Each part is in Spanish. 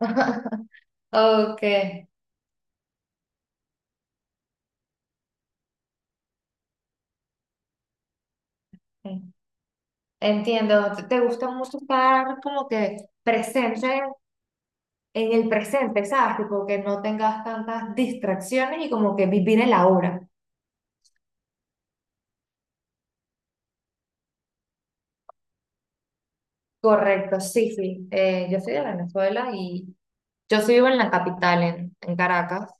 Okay, entiendo. Te gusta mucho estar como que presente en el presente, ¿sabes? Tipo que no tengas tantas distracciones y como que vivir el ahora. Correcto, sí, sí. Yo soy de Venezuela y yo sí vivo en la capital, en Caracas.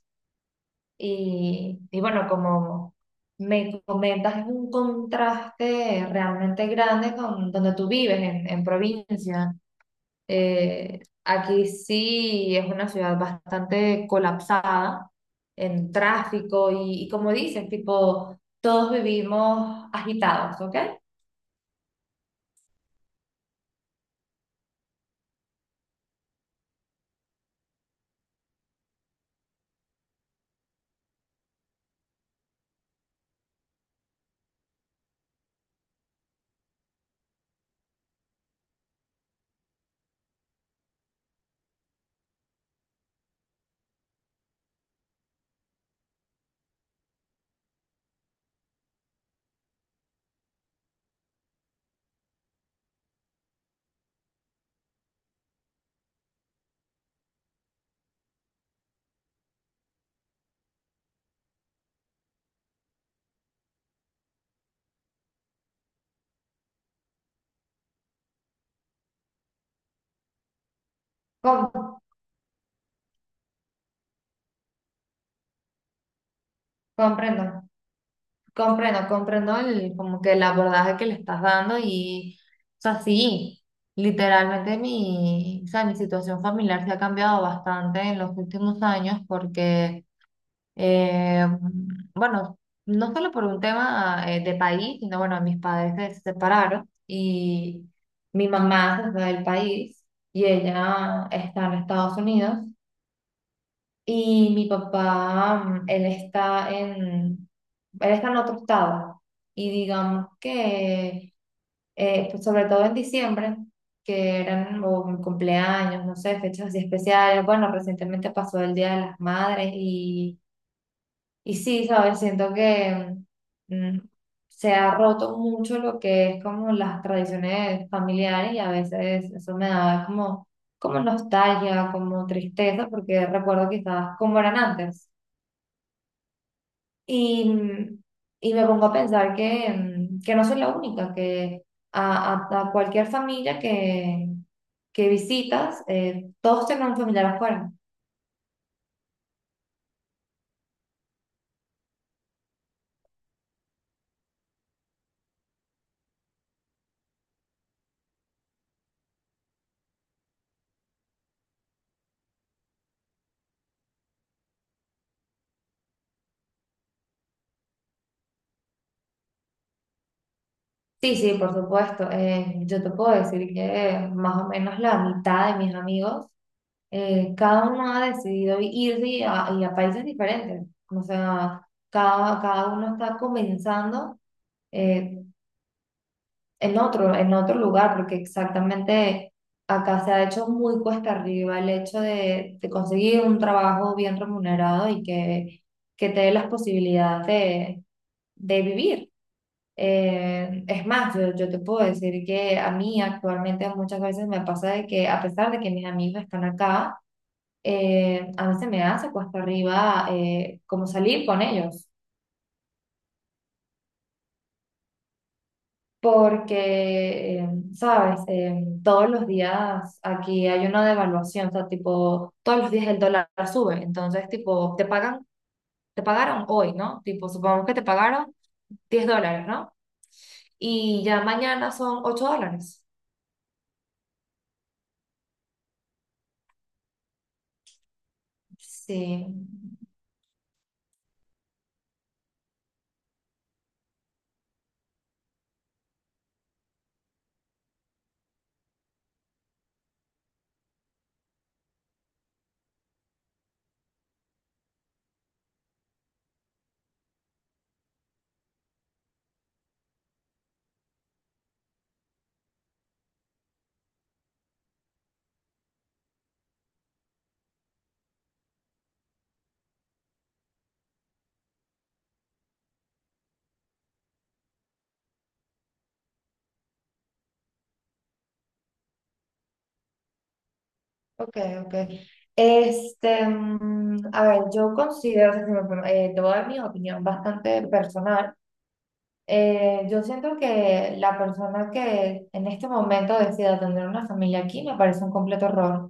Y bueno, como me comentas, es un contraste realmente grande con donde tú vives, en provincia. Aquí sí es una ciudad bastante colapsada en tráfico y como dices, tipo, todos vivimos agitados, ¿ok? Com- comprendo, comprendo, comprendo el, como que el abordaje que le estás dando o sea, sí, literalmente o sea, mi situación familiar se ha cambiado bastante en los últimos años porque... Eh, bueno, no solo por un tema de país, sino bueno, mis padres se separaron y mi mamá se fue del país y ella está en Estados Unidos y mi papá, él está en otro estado y digamos que, pues, sobre todo en diciembre, que eran o mi cumpleaños, no sé, fechas así especiales, bueno, recientemente pasó el Día de las Madres y sí, ¿sabes? Siento que mm, se ha roto mucho lo que es como las tradiciones familiares y a veces eso me da como, como nostalgia, como tristeza, porque recuerdo quizás cómo eran antes. Y, mm, y me pongo a pensar que, que no soy la única, que a cualquier familia que visitas, todos tienen un familiar afuera. Sí, sí, por supuesto. Yo te puedo decir que más o menos la mitad de mis amigos, cada uno ha decidido irse y a países diferentes. O sea, cada uno está comenzando eh, en otro lugar, porque exactamente acá se ha hecho muy cuesta arriba el hecho de conseguir un trabajo bien remunerado y que te dé las posibilidades de vivir. Es más, yo te puedo decir que a mí actualmente muchas veces me pasa de que a pesar de que mis amigos están acá, a mí se me hace cuesta arriba como salir con ellos, porque, sabes, todos los días aquí hay una devaluación, o sea, tipo, todos los días el dólar sube, entonces, tipo, te pagan, te pagaron hoy, ¿no? Tipo, supongamos que te pagaron $10, ¿no? Y ya mañana son $8. Sí. Ok, ok. Este, a ver, yo considero, o sea, si me pregun- te voy a dar mi opinión bastante personal. Yo siento que la persona que en este momento decida tener una familia aquí me parece un completo error.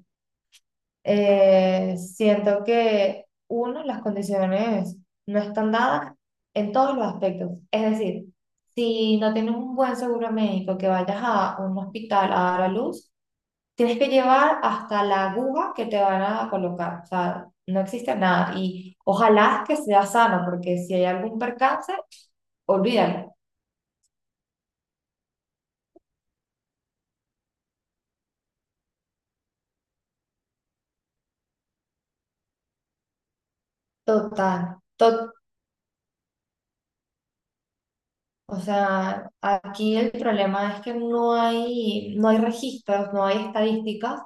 Siento que, uno, las condiciones no están dadas en todos los aspectos. Es decir, si no tienes un buen seguro médico que vayas a un hospital a dar a luz, tienes que llevar hasta la aguja que te van a colocar, o sea, no existe nada. Y ojalá que sea sano, porque si hay algún percance, olvídalo. Total, o sea, aquí el problema es que no hay registros, no hay estadísticas,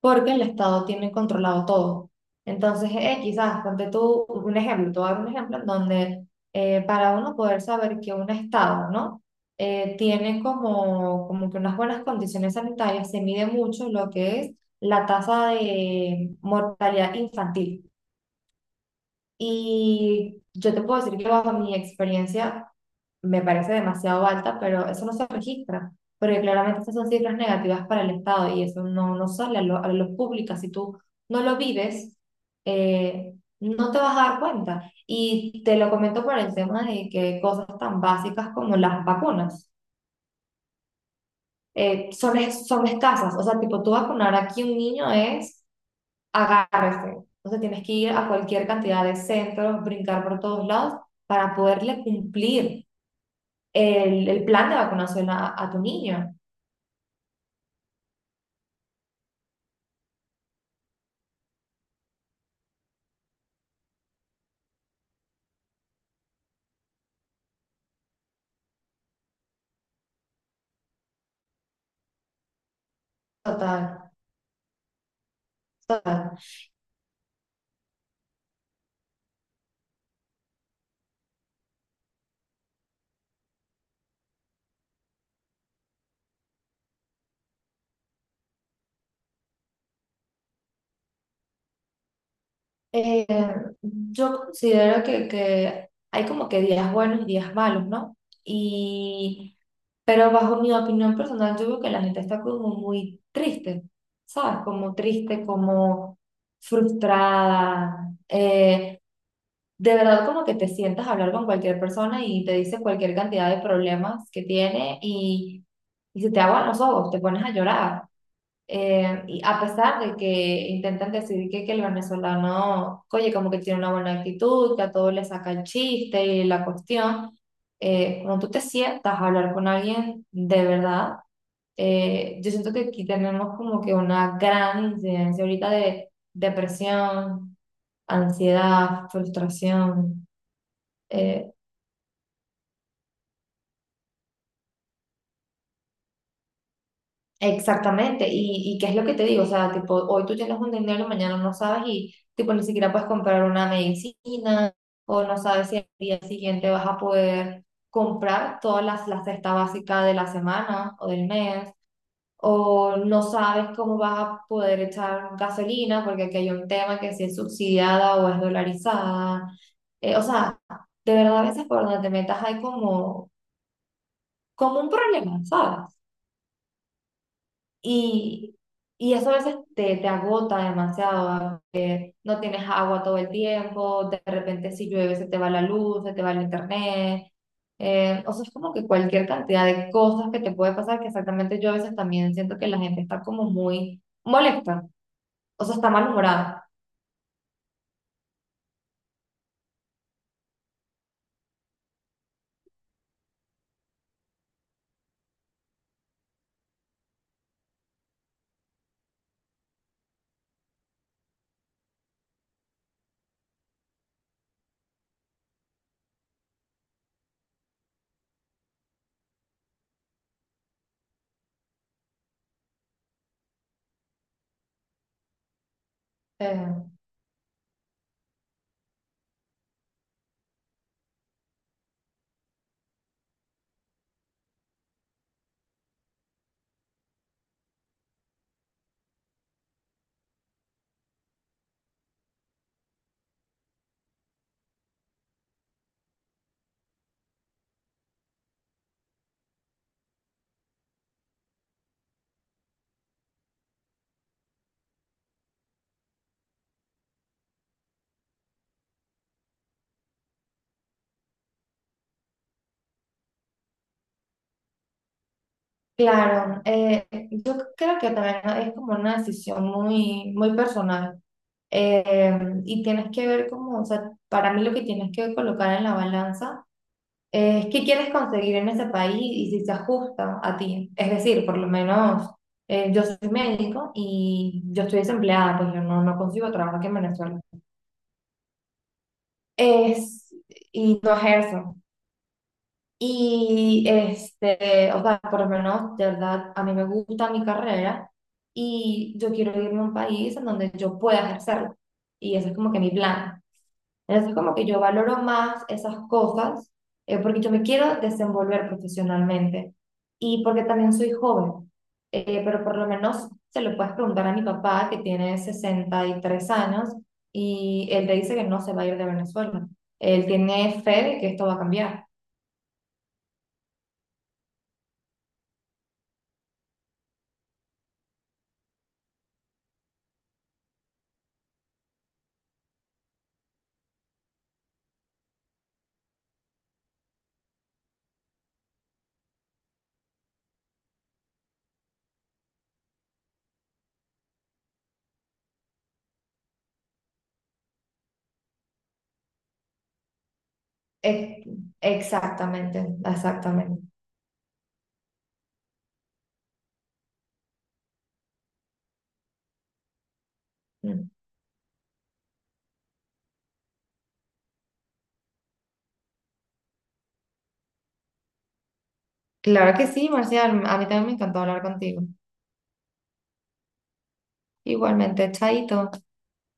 porque el Estado tiene controlado todo. Entonces, quizás, ponte tú un ejemplo, te voy a dar un ejemplo en donde para uno poder saber que un Estado, ¿no? Tiene como, como que unas buenas condiciones sanitarias, se mide mucho lo que es la tasa de mortalidad infantil. Y yo te puedo decir que bajo mi experiencia me parece demasiado alta, pero eso no se registra, porque claramente estas son cifras negativas para el Estado y eso no, no sale a, lo, a la luz pública. Si tú no lo vives, eh, no te vas a dar cuenta. Y te lo comento por el tema de que cosas tan básicas como las vacunas son escasas. O sea, tipo, tú vacunar aquí un niño es agárrese. Entonces tienes que ir a cualquier cantidad de centros, brincar por todos lados para poderle cumplir el plan de vacunación a tu niño. Total, total. Eh, yo considero que hay como que días buenos y días malos, ¿no? Y, pero bajo mi opinión personal, yo veo que la gente está como muy triste, ¿sabes? Como triste, como frustrada. De verdad como que te sientas a hablar con cualquier persona y te dice cualquier cantidad de problemas que tiene y se te aguan los ojos, te pones a llorar. Y a pesar de que intentan decir que el venezolano, oye, como que tiene una buena actitud, que a todos le saca el chiste y la cuestión, cuando tú te sientas a hablar con alguien de verdad, yo siento que aquí tenemos como que una gran incidencia ahorita de depresión, ansiedad, frustración. Eh, Exactamente, y qué es lo que te digo, o sea, tipo, hoy tú tienes un dinero, mañana no sabes y tipo ni siquiera puedes comprar una medicina o no sabes si el día siguiente vas a poder comprar la cesta básica de la semana o del mes, o no sabes cómo vas a poder echar gasolina porque aquí hay un tema que si es subsidiada o es dolarizada, o sea, de verdad a veces por donde te metas hay como, como un problema, ¿sabes? Y, y eso a veces te, te agota demasiado. No tienes agua todo el tiempo, de repente si llueve se te va la luz, se te va el internet. O sea, es como que cualquier cantidad de cosas que te puede pasar, que exactamente yo a veces también siento que la gente está como muy molesta, o sea, está malhumorada. Eh, claro, yo creo que también es como una decisión muy, muy personal. Eh, y tienes que ver como, o sea, para mí lo que tienes que colocar en la balanza es qué quieres conseguir en ese país y si se ajusta a ti. Es decir, por lo menos yo soy médico y yo estoy desempleada, pues yo no consigo trabajo aquí en Venezuela. Es, y no ejerzo. Y este, o sea, por lo menos, de verdad, a mí me gusta mi carrera y yo quiero irme a un país en donde yo pueda ejercerlo. Y ese es como que mi plan. Entonces, como que yo valoro más esas cosas porque yo me quiero desenvolver profesionalmente y porque también soy joven. Pero por lo menos se lo puedes preguntar a mi papá que tiene 63 años y él te dice que no se va a ir de Venezuela. Él tiene fe de que esto va a cambiar. Ex- Exactamente, exactamente. Mm. Claro que sí, Marcial, a mí también me encantó hablar contigo. Igualmente, chaito.